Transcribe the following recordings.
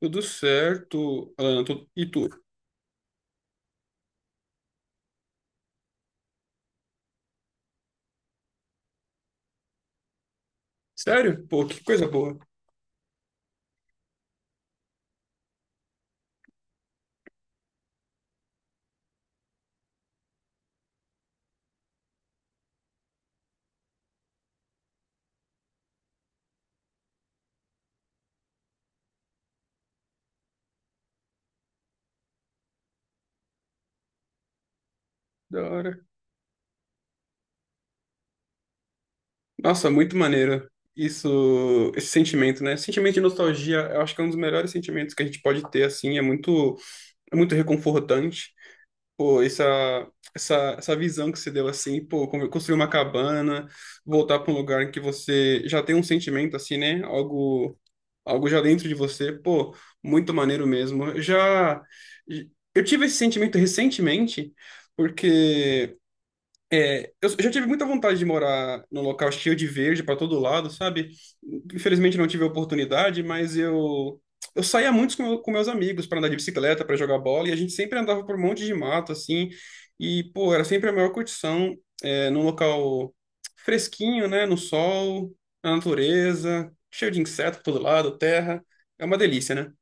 Tudo certo, Alana, e tu? Sério? Pô, que coisa boa. Da hora. Nossa, muito maneiro. Isso, esse sentimento, né? Sentimento de nostalgia, eu acho que é um dos melhores sentimentos que a gente pode ter, assim, é muito reconfortante. Pô, essa visão que você deu, assim, pô, como construir uma cabana, voltar para um lugar em que você já tem um sentimento, assim, né? Algo já dentro de você, pô, muito maneiro mesmo. Eu tive esse sentimento recentemente, porque eu já tive muita vontade de morar num local cheio de verde para todo lado, sabe? Infelizmente não tive a oportunidade, mas eu saía muito com com meus amigos para andar de bicicleta, para jogar bola, e a gente sempre andava por um monte de mato assim, e pô, era sempre a maior curtição, num local fresquinho, né, no sol, na natureza, cheio de inseto por todo lado, terra. É uma delícia, né?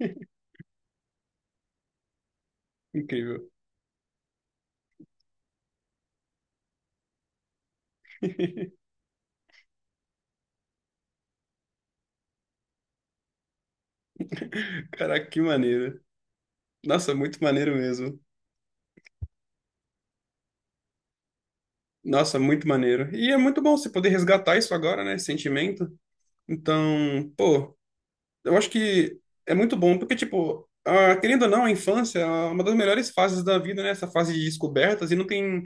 Incrível. Caraca, que maneiro. Nossa, muito maneiro mesmo. Nossa, muito maneiro. E é muito bom você poder resgatar isso agora, né? Esse sentimento. Então, pô, eu acho que é muito bom, porque, tipo, querendo ou não, a infância é uma das melhores fases da vida, né? Essa fase de descobertas, e não tem.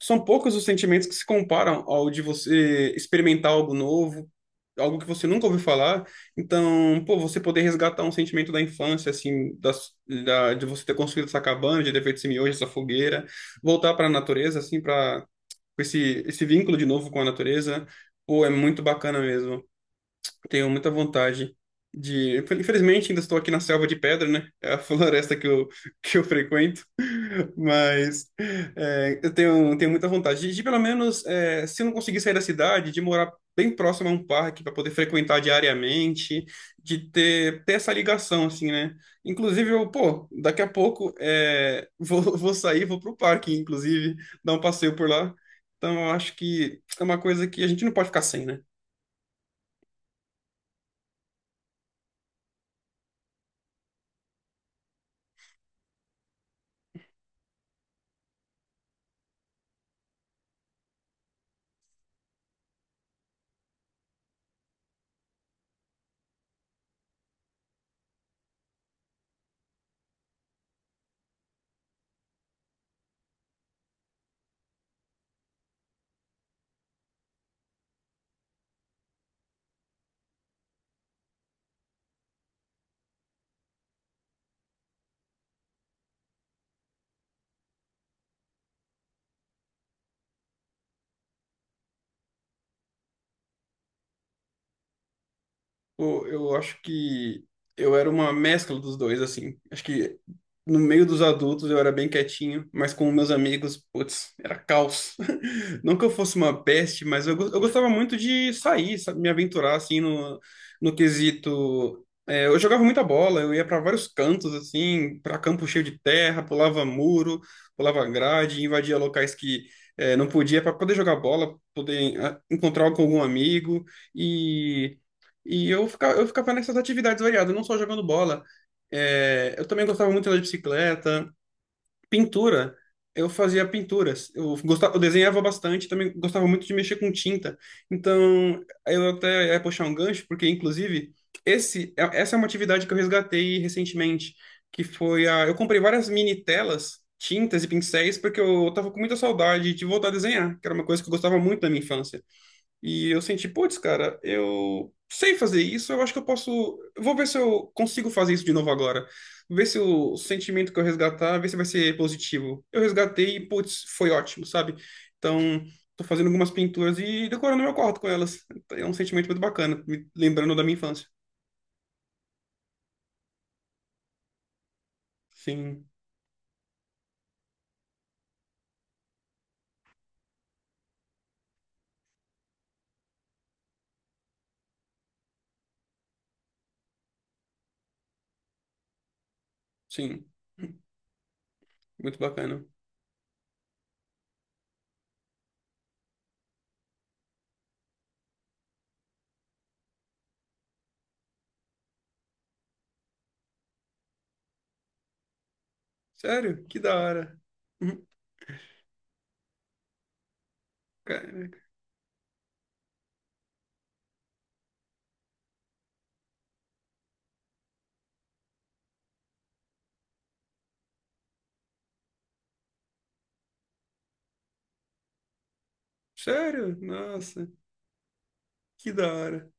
São poucos os sentimentos que se comparam ao de você experimentar algo novo, algo que você nunca ouviu falar. Então, pô, você poder resgatar um sentimento da infância, assim, de você ter construído essa cabana, de ter feito esse miojo, essa fogueira, voltar para a natureza, assim, para com esse vínculo de novo com a natureza, pô, é muito bacana mesmo. Tenho muita vontade de. Infelizmente, ainda estou aqui na selva de pedra, né? É a floresta que eu frequento. Mas eu tenho, muita vontade de, pelo menos, se eu não conseguir sair da cidade, de morar bem próximo a um parque para poder frequentar diariamente, de ter essa ligação, assim, né? Inclusive, eu, pô, daqui a pouco vou sair, vou pro parque, inclusive, dar um passeio por lá. Então, eu acho que é uma coisa que a gente não pode ficar sem, né? Pô, eu acho que eu era uma mescla dos dois, assim. Acho que no meio dos adultos eu era bem quietinho, mas com meus amigos, putz, era caos. Não que eu fosse uma peste, mas eu gostava muito de sair, sabe, me aventurar, assim, no quesito. É, eu jogava muita bola, eu ia para vários cantos, assim, para campo cheio de terra, pulava muro, pulava grade, invadia locais não podia para poder jogar bola, poder encontrar com algum amigo e e eu ficava nessas atividades variadas, não só jogando bola. Eu também gostava muito de andar de bicicleta, pintura. Eu fazia pinturas. Eu gostava, eu desenhava bastante, também gostava muito de mexer com tinta. Então, eu até ia puxar um gancho, porque inclusive essa é uma atividade que eu resgatei recentemente, eu comprei várias mini telas, tintas e pincéis, porque eu tava com muita saudade de voltar a desenhar, que era uma coisa que eu gostava muito da minha infância. E eu senti, putz, cara, eu sei fazer isso, eu acho que eu posso. Eu Vou ver se eu consigo fazer isso de novo agora. Ver se o sentimento que eu resgatar, ver se vai ser positivo. Eu resgatei e, putz, foi ótimo, sabe? Então, tô fazendo algumas pinturas e decorando meu quarto com elas. É um sentimento muito bacana, me lembrando da minha infância. Sim, sim. Muito bacana. Sério? Que da hora. Uhum. Caraca. Sério? Nossa, que da hora.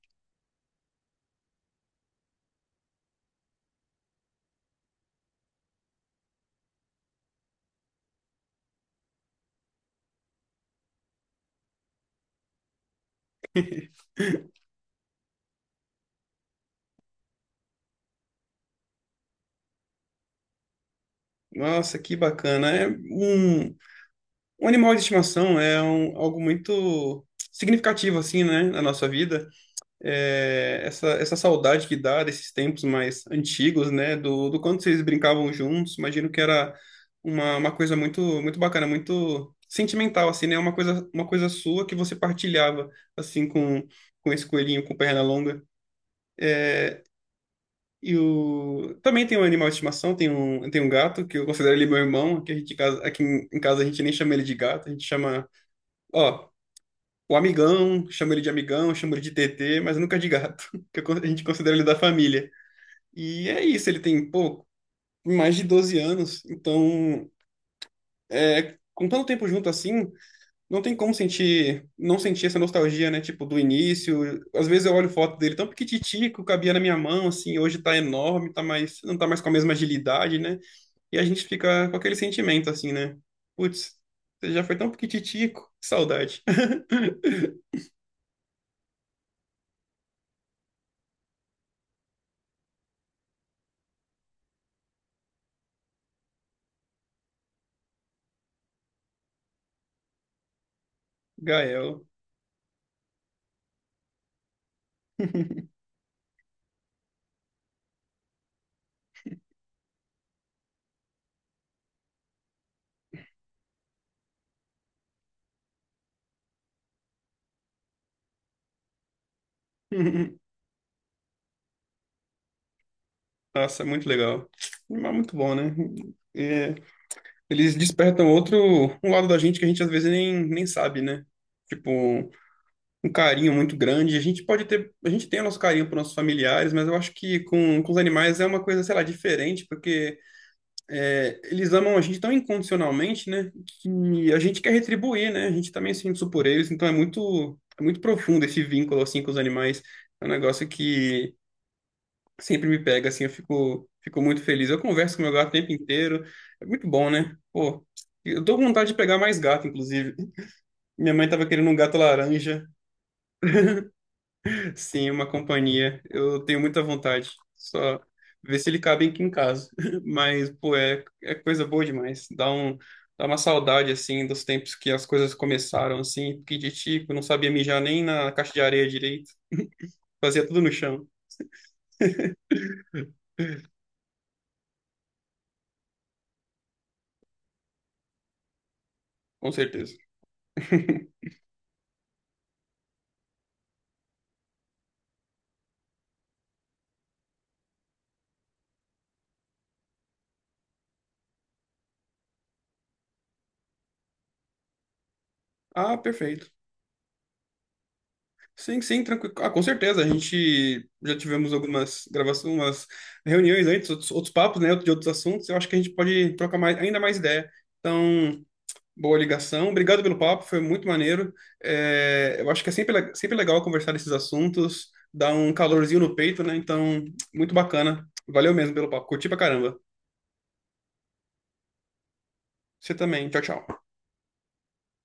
Nossa, que bacana. Um animal de estimação é algo muito significativo, assim, né, na nossa vida. É, essa saudade que dá desses tempos mais antigos, né, do quanto vocês brincavam juntos, imagino que era uma coisa muito, muito bacana, muito sentimental, assim, né, uma coisa sua que você partilhava, assim, com esse coelhinho com perna longa. Também tem um animal de estimação, tem um gato, que eu considero ele meu irmão, que a gente, aqui em casa a gente nem chama ele de gato, a gente chama. Ó, o amigão, chamo ele de amigão, chamo ele de TT, mas nunca de gato, a gente considera ele da família. E é isso, ele tem, pô, mais de 12 anos, então, com tanto tempo junto assim, não tem como sentir, não sentir essa nostalgia, né, tipo, do início. Às vezes eu olho foto dele tão pequititico, cabia na minha mão, assim, hoje tá enorme, tá mais, não tá mais com a mesma agilidade, né, e a gente fica com aquele sentimento, assim, né, putz, você já foi tão pequititico, que saudade. Gael. Nossa, é muito legal. Mas muito bom, né? É, eles despertam outro um lado da gente que a gente às vezes nem sabe, né? Tipo, um carinho muito grande. A gente tem o nosso carinho para nossos familiares, mas eu acho que com os animais é uma coisa, sei lá, diferente, porque eles amam a gente tão incondicionalmente, né? Que a gente quer retribuir, né? A gente também sente isso por eles, então é muito profundo esse vínculo assim com os animais. É um negócio que sempre me pega, assim, eu fico, muito feliz. Eu converso com meu gato o tempo inteiro, é muito bom, né? Pô, eu tô com vontade de pegar mais gato, inclusive. Minha mãe tava querendo um gato laranja, sim, uma companhia. Eu tenho muita vontade, só ver se ele cabe aqui em casa. Mas, pô, é coisa boa demais. Dá uma saudade, assim, dos tempos que as coisas começaram, assim, piquititico, não sabia mijar nem na caixa de areia direito, fazia tudo no chão, com certeza. Ah, perfeito. Sim, sim, tranquilo. Ah, com certeza. A gente já tivemos algumas gravações, umas reuniões antes, outros papos, né, de outros assuntos. Eu acho que a gente pode trocar mais, ainda mais ideia. Então, boa ligação. Obrigado pelo papo, foi muito maneiro. É, eu acho que é sempre legal conversar desses assuntos, dá um calorzinho no peito, né? Então, muito bacana. Valeu mesmo pelo papo. Curti pra caramba. Você também. Tchau, tchau.